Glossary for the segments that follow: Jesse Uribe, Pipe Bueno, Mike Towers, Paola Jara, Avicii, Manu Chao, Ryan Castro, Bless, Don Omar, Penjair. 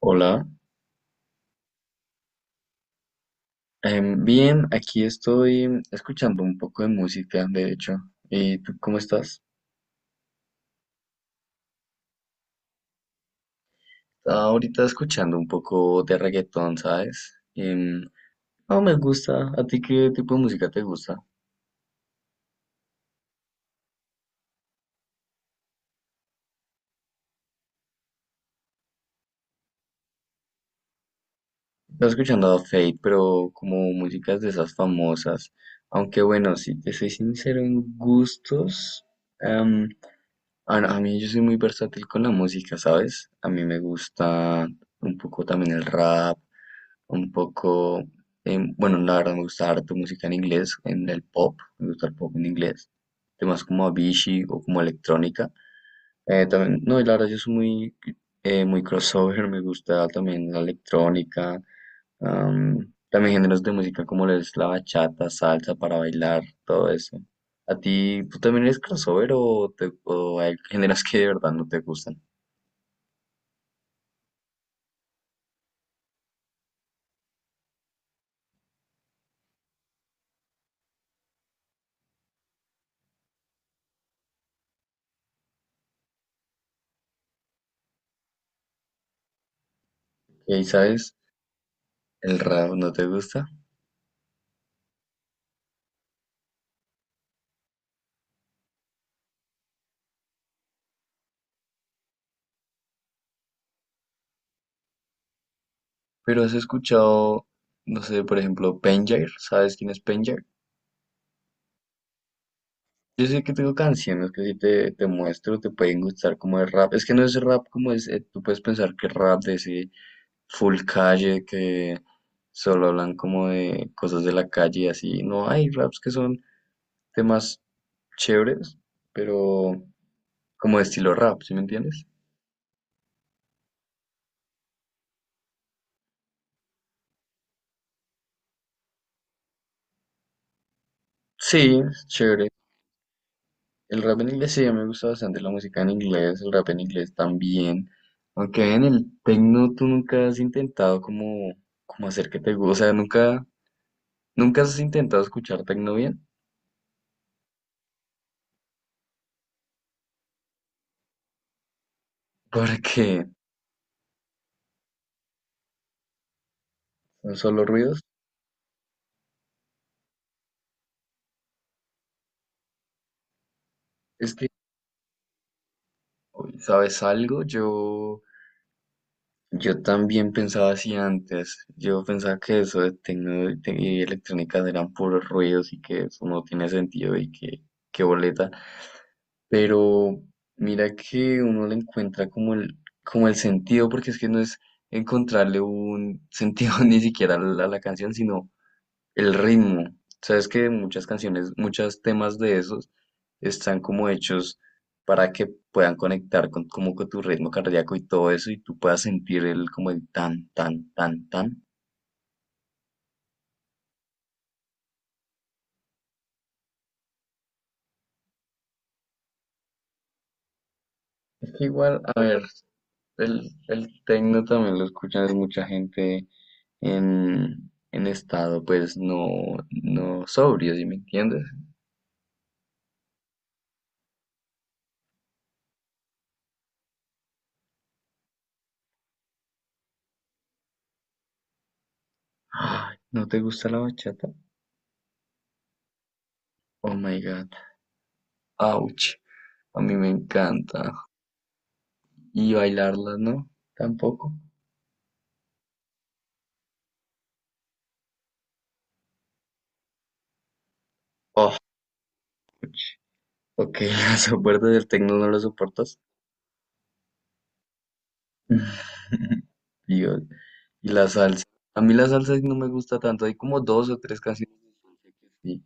Hola. Bien, aquí estoy escuchando un poco de música, de hecho. ¿Y tú cómo estás? Estaba ahorita escuchando un poco de reggaetón, ¿sabes? No me gusta. ¿A ti qué tipo de música te gusta? Estaba escuchando a Fate, pero como músicas de esas famosas. Aunque bueno, si te soy sincero en gustos, em, a mí yo soy muy versátil con la música, ¿sabes? A mí me gusta un poco también el rap. Un poco, bueno, la verdad me gusta harto música en inglés, en el pop, me gusta el pop en inglés, temas como Avicii o como electrónica. También, no, y la verdad yo soy muy, muy crossover, me gusta también la electrónica, también géneros de música como lo es la bachata, salsa para bailar, todo eso. ¿A ti, tú también eres crossover o, o hay géneros que de verdad no te gustan? ¿Y sabes? ¿El rap no te gusta? Pero has escuchado, no sé, por ejemplo, Penjair, ¿sabes quién es Penjair? Yo sé que tengo canciones que si te muestro te pueden gustar como de rap. Es que no es rap como es, tú puedes pensar que es rap de ese full calle que solo hablan como de cosas de la calle y así. No, hay raps que son temas chéveres, pero como de estilo rap, ¿sí me entiendes? Sí, es chévere. El rap en inglés sí, a mí me gusta bastante la música en inglés, el rap en inglés también. Aunque en el tecno tú nunca has intentado como hacer que te guste, o sea, nunca has intentado escuchar tecno bien, porque son solo ruidos. Es que, uy, ¿sabes algo? Yo también pensaba así antes. Yo pensaba que eso de tecno y y electrónica eran puros ruidos y que eso no tiene sentido y que, qué boleta. Pero mira que uno le encuentra como el sentido, porque es que no es encontrarle un sentido ni siquiera a la canción, sino el ritmo. Sabes que muchas canciones, muchos temas de esos están como hechos para que puedan conectar con, como con tu ritmo cardíaco y todo eso, y tú puedas sentir el como el tan, tan, tan, tan. Es que igual, a ver, el tecno también lo escuchan es mucha gente en estado, pues no, no sobrio, ¿sí me entiendes? Ay, ¿no te gusta la bachata? Oh my God, ouch, a mí me encanta. Y bailarla, ¿no? Tampoco. Oh, ouch. Ok, la soportas, del tecno no lo soportas. Dios, y la salsa. A mí la salsa no me gusta tanto, hay como dos o tres canciones de salsa que sí.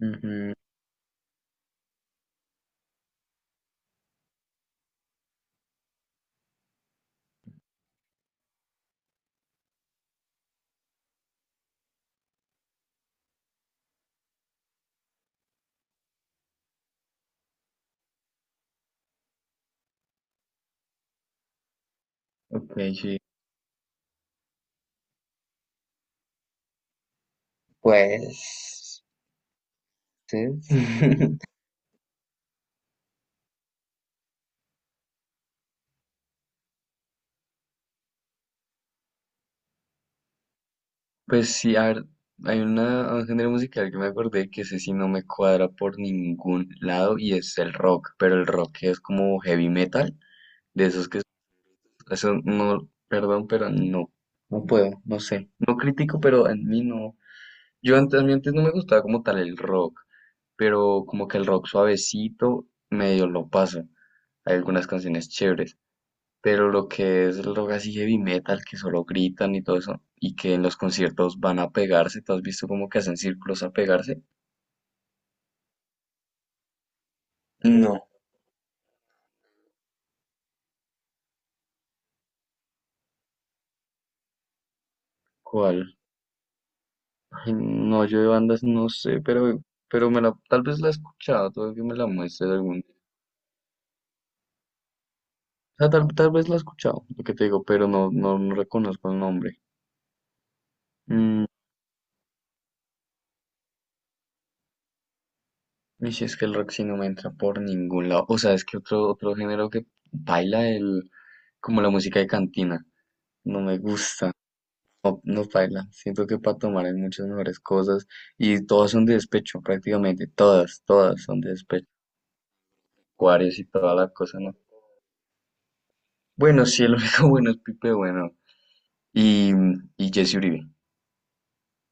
Ujú. Ok, sí. Pues, sí. Pues sí, a ver, hay un género musical que me acordé que ese sí no me cuadra por ningún lado y es el rock, pero el rock es como heavy metal, de esos que eso no, perdón, pero no, no puedo, no sé, no critico, pero en mí no. Yo antes, a mí antes no me gustaba como tal el rock, pero como que el rock suavecito medio lo paso. Hay algunas canciones chéveres, pero lo que es el rock así heavy metal, que solo gritan y todo eso, y que en los conciertos van a pegarse, ¿tú has visto como que hacen círculos a pegarse? No. ¿Cuál? Ay, no, yo de bandas no sé, pero tal vez la he escuchado, tal vez que me la muestres algún día. O sea, tal vez la he escuchado, lo que te digo, pero no, no, no reconozco el nombre. Mm, y si es que el rock sí no me entra por ningún lado. O sea, es que otro género que baila como la música de cantina. No me gusta. No, no baila. Siento que para tomar hay muchas mejores cosas y todas son de despecho, prácticamente todas, todas son de despecho. Acuarios y toda la cosa, ¿no? Bueno, sí, el único bueno es Pipe Bueno y, y Jesse Uribe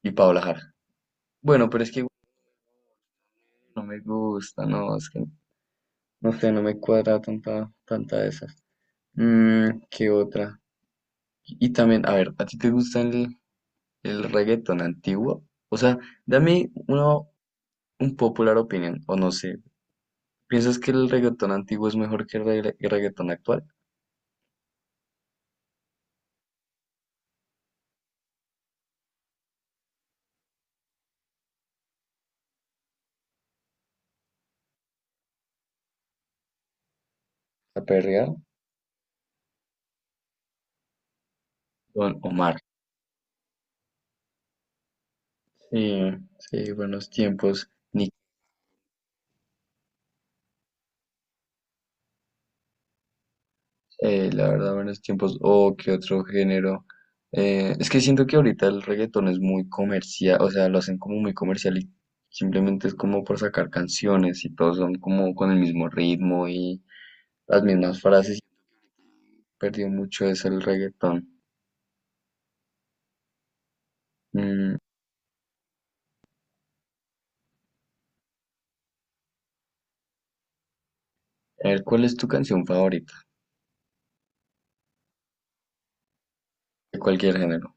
y Paola Jara. Bueno, pero es que no me gusta, no, es que no sé, no me cuadra tanta, tanta de esas. ¿Qué otra? Y también, a ver, ¿a ti te gusta el reggaetón antiguo? O sea, dame un popular opinión, o no sé, ¿piensas que el reggaetón antiguo es mejor que el el reggaetón actual? Aperreado. Don Omar. Sí, sí, buenos tiempos. Ni, la verdad, buenos tiempos. O qué otro género. Es que siento que ahorita el reggaetón es muy comercial, o sea, lo hacen como muy comercial y simplemente es como por sacar canciones y todos son como con el mismo ritmo y las mismas frases. Perdió mucho eso el reggaetón. Mm, a ver, ¿cuál es tu canción favorita? De cualquier género.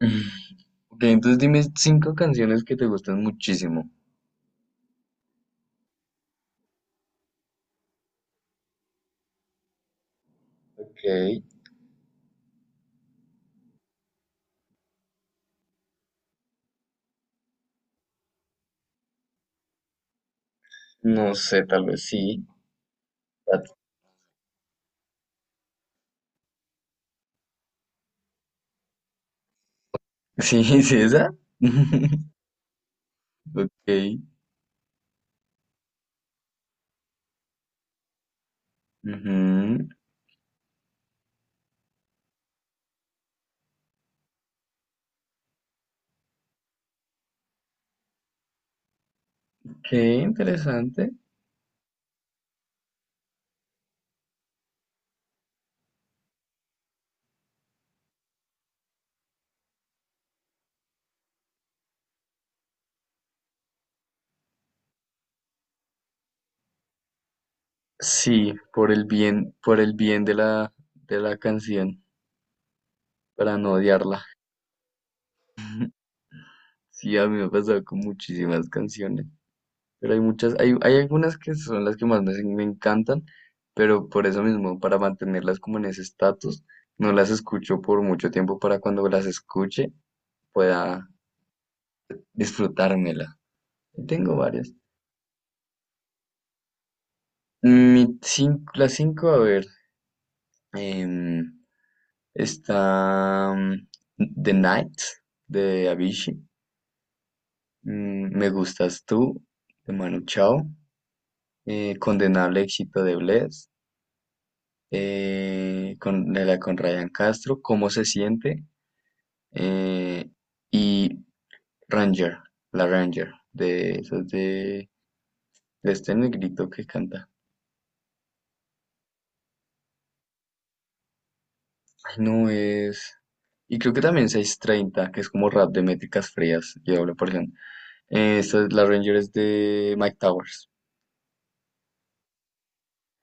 Ok, entonces dime cinco canciones que te gustan muchísimo. Ok, no sé, tal vez sí. Bad. Sí, ¿es esa? Ok. Ujú. Qué interesante. Sí, por el bien de la canción, para no odiarla. Sí, a mí me ha pasado con muchísimas canciones, pero hay muchas, hay algunas que son las que más me encantan, pero por eso mismo, para mantenerlas como en ese estatus, no las escucho por mucho tiempo para cuando las escuche, pueda disfrutármela. Tengo varias. La 5 a ver, em, está The Night de Avicii. Me gustas tú de Manu Chao. Condenable éxito de Bless. Con, de la con Ryan Castro. ¿Cómo se siente? eh, y Ranger, la Ranger, de, esas de este negrito que canta. Ay, no es. Y creo que también 6:30 que es como rap de métricas frías y doble porción. Esta es la Ranger es de Mike Towers.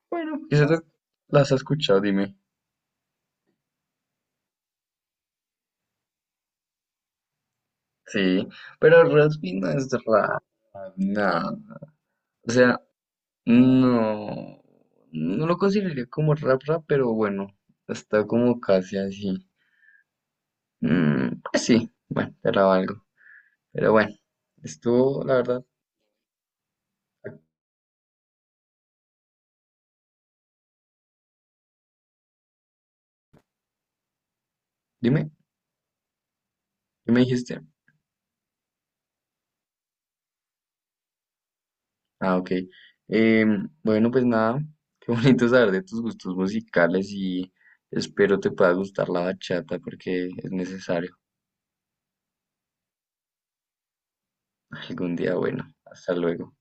Bueno, quizás las has escuchado, dime. Sí, pero Raspi no es rap, nada. O sea, no, no lo consideraría como rap rap, pero bueno, está como casi así. Pues sí, bueno, era algo. Pero bueno, estuvo, la verdad, dime, ¿qué me dijiste? Ah, ok. Bueno, pues nada, qué bonito saber de tus gustos musicales y espero te pueda gustar la bachata porque es necesario algún día. Bueno, hasta luego.